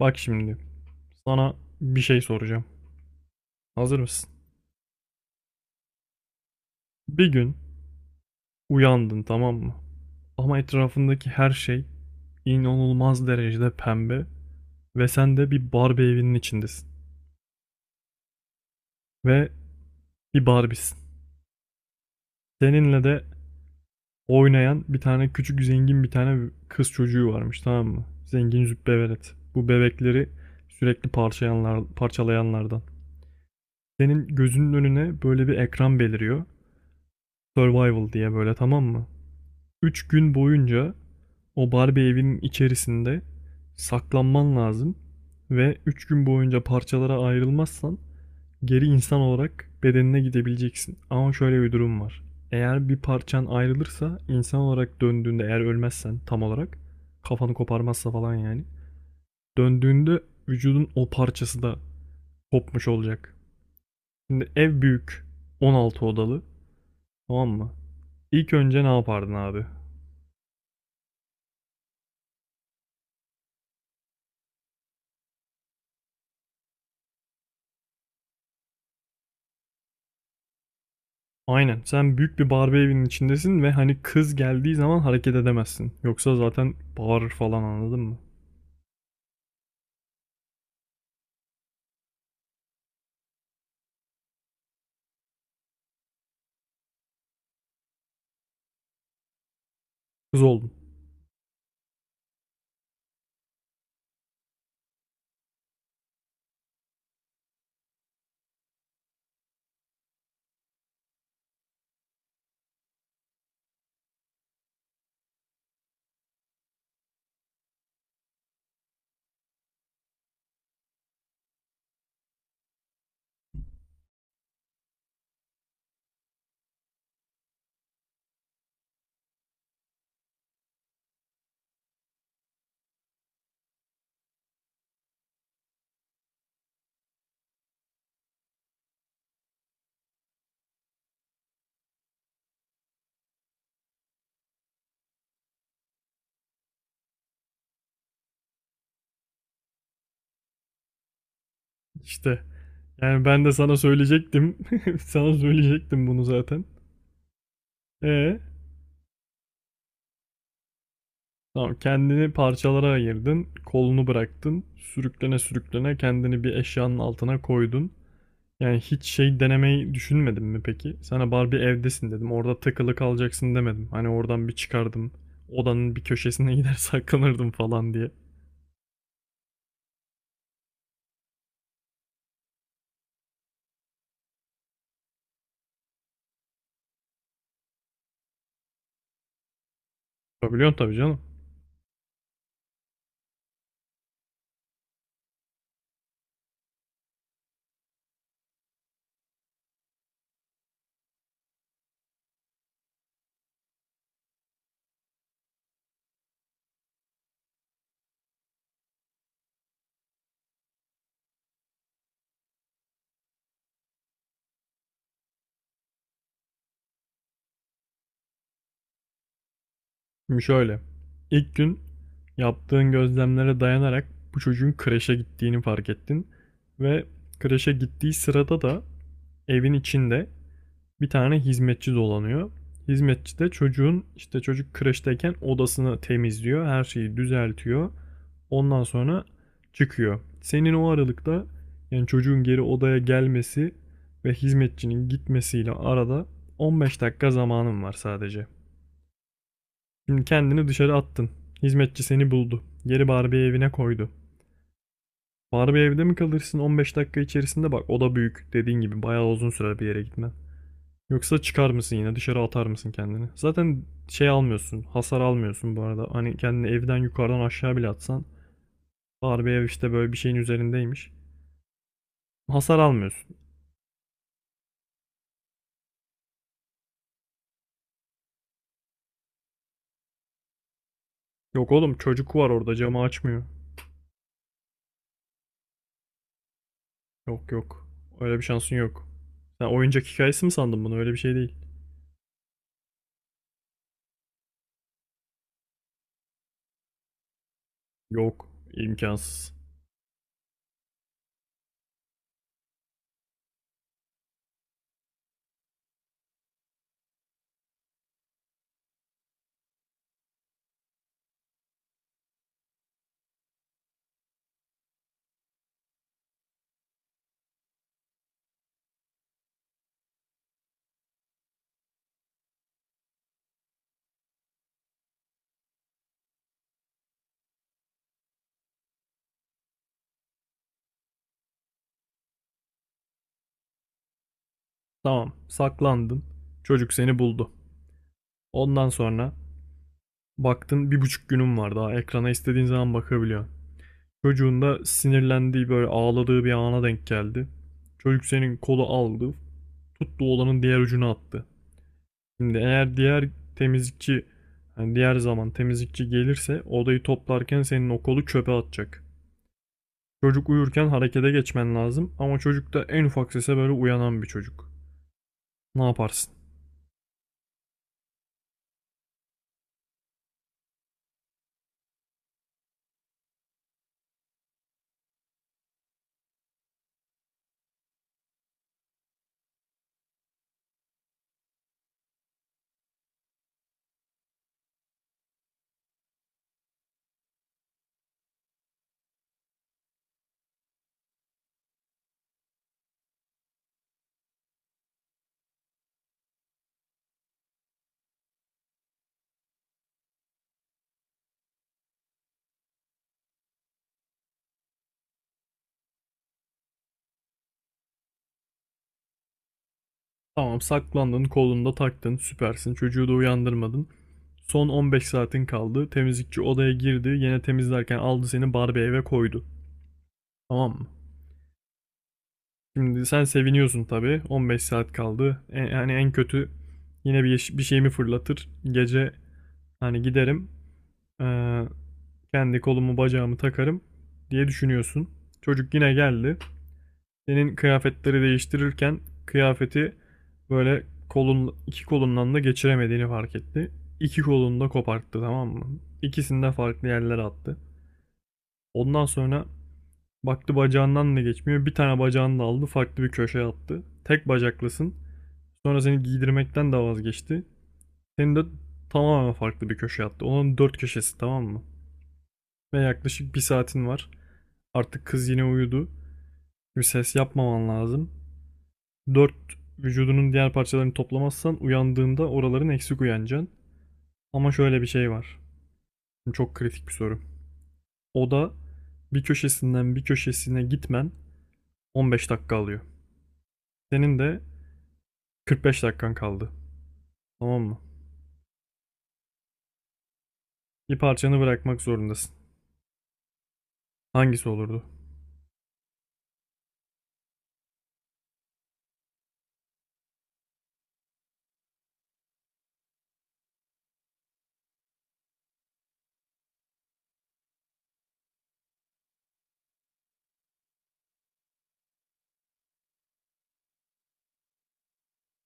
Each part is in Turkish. Bak şimdi sana bir şey soracağım. Hazır mısın? Bir gün uyandın, tamam mı? Ama etrafındaki her şey inanılmaz derecede pembe ve sen de bir Barbie evinin içindesin ve bir Barbie'sin. Seninle de oynayan bir tane kız çocuğu varmış, tamam mı? Zengin züppe velet. Bu bebekleri sürekli parçalayanlardan. Senin gözünün önüne böyle bir ekran beliriyor. Survival diye, böyle, tamam mı? 3 gün boyunca o Barbie evinin içerisinde saklanman lazım ve 3 gün boyunca parçalara ayrılmazsan geri insan olarak bedenine gidebileceksin. Ama şöyle bir durum var. Eğer bir parçan ayrılırsa insan olarak döndüğünde, eğer ölmezsen, tam olarak kafanı koparmazsa falan, yani döndüğünde vücudun o parçası da kopmuş olacak. Şimdi ev büyük, 16 odalı, tamam mı? İlk önce ne yapardın abi? Aynen. Sen büyük bir Barbie evinin içindesin ve hani kız geldiği zaman hareket edemezsin. Yoksa zaten bağırır falan, anladın mı? Kız oldun. İşte. Yani ben de sana söyleyecektim. Sana söyleyecektim bunu zaten. Ee. Tamam, kendini parçalara ayırdın. Kolunu bıraktın. Sürüklene sürüklene kendini bir eşyanın altına koydun. Yani hiç şey denemeyi düşünmedin mi peki? Sana Barbie evdesin dedim. Orada takılı kalacaksın demedim. Hani oradan bir çıkardım. Odanın bir köşesine gider saklanırdım falan diye. Yapabiliyorsun tabii canım. Şimdi şöyle. İlk gün yaptığın gözlemlere dayanarak bu çocuğun kreşe gittiğini fark ettin. Ve kreşe gittiği sırada da evin içinde bir tane hizmetçi dolanıyor. Hizmetçi de çocuğun işte, çocuk kreşteyken, odasını temizliyor. Her şeyi düzeltiyor. Ondan sonra çıkıyor. Senin o aralıkta, yani çocuğun geri odaya gelmesi ve hizmetçinin gitmesiyle arada, 15 dakika zamanın var sadece. Şimdi kendini dışarı attın. Hizmetçi seni buldu. Geri Barbie evine koydu. Barbie evde mi kalırsın 15 dakika içerisinde? Bak, o da büyük. Dediğin gibi bayağı uzun süre bir yere gitmen. Yoksa çıkar mısın, yine dışarı atar mısın kendini? Zaten şey almıyorsun, hasar almıyorsun bu arada. Hani kendini evden yukarıdan aşağı bile atsan, Barbie ev işte böyle bir şeyin üzerindeymiş. Hasar almıyorsun. Yok oğlum, çocuk var orada, camı açmıyor. Yok yok, öyle bir şansın yok. Sen oyuncak hikayesi mi sandın bunu? Öyle bir şey değil. Yok, imkansız. Tamam, saklandın. Çocuk seni buldu. Ondan sonra baktın bir buçuk günün var, daha ekrana istediğin zaman bakabiliyorsun. Çocuğun da sinirlendiği, böyle ağladığı bir ana denk geldi. Çocuk senin kolu aldı, tuttu, olanın diğer ucunu attı. Şimdi eğer temizlikçi, diğer zaman temizlikçi gelirse odayı toplarken senin o kolu çöpe atacak. Çocuk uyurken harekete geçmen lazım, ama çocuk da en ufak sese böyle uyanan bir çocuk. Ne yaparsın? Tamam, saklandın, kolunda taktın, süpersin. Çocuğu da uyandırmadın. Son 15 saatin kaldı. Temizlikçi odaya girdi. Yine temizlerken aldı seni, Barbie eve koydu. Tamam mı? Şimdi sen seviniyorsun tabii. 15 saat kaldı. E, yani en kötü yine bir şeyimi fırlatır. Gece hani giderim, eee, kendi kolumu bacağımı takarım diye düşünüyorsun. Çocuk yine geldi. Senin kıyafetleri değiştirirken kıyafeti böyle iki kolundan da geçiremediğini fark etti. İki kolunu da koparttı, tamam mı? İkisini de farklı yerlere attı. Ondan sonra baktı bacağından da geçmiyor. Bir tane bacağını da aldı, farklı bir köşeye attı. Tek bacaklısın. Sonra seni giydirmekten de vazgeçti. Seni de tamamen farklı bir köşeye attı. Onun dört köşesi, tamam mı? Ve yaklaşık bir saatin var. Artık kız yine uyudu. Bir ses yapmaman lazım. 4 vücudunun diğer parçalarını toplamazsan, uyandığında oraların eksik uyanacaksın. Ama şöyle bir şey var. Çok kritik bir soru. O da, bir köşesinden bir köşesine gitmen 15 dakika alıyor. Senin de 45 dakikan kaldı. Tamam mı? Bir parçanı bırakmak zorundasın. Hangisi olurdu?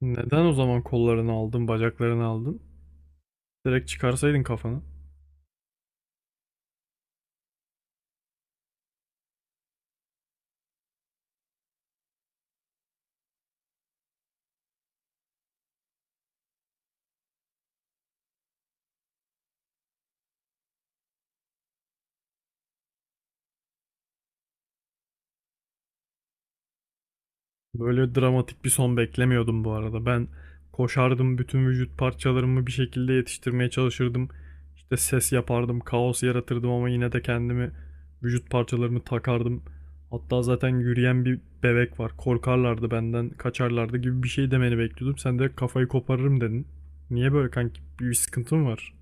Neden o zaman kollarını aldın, bacaklarını aldın? Direkt çıkarsaydın kafanı. Böyle dramatik bir son beklemiyordum bu arada. Ben koşardım, bütün vücut parçalarımı bir şekilde yetiştirmeye çalışırdım. İşte ses yapardım, kaos yaratırdım, ama yine de kendimi, vücut parçalarımı takardım. Hatta zaten yürüyen bir bebek var, korkarlardı benden, kaçarlardı gibi bir şey demeni bekliyordum. Sen de kafayı koparırım dedin. Niye böyle kanki? Bir sıkıntın var.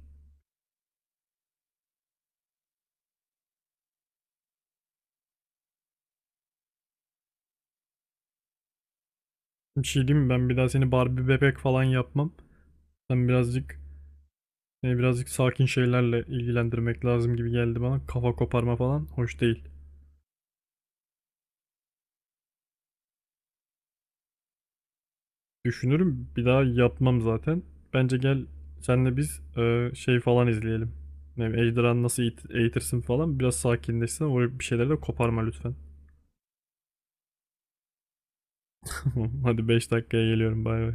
Bir şey diyeyim mi? Ben bir daha seni Barbie bebek falan yapmam. Sen birazcık Seni birazcık sakin şeylerle ilgilendirmek lazım gibi geldi bana. Kafa koparma falan hoş değil. Düşünürüm, bir daha yapmam zaten. Bence gel senle biz, e, şey falan izleyelim. Ne bileyim, eğitirsin falan, biraz sakinleşsin. Oraya bir şeyleri de koparma lütfen. Hadi 5 dakikaya geliyorum, bay bay.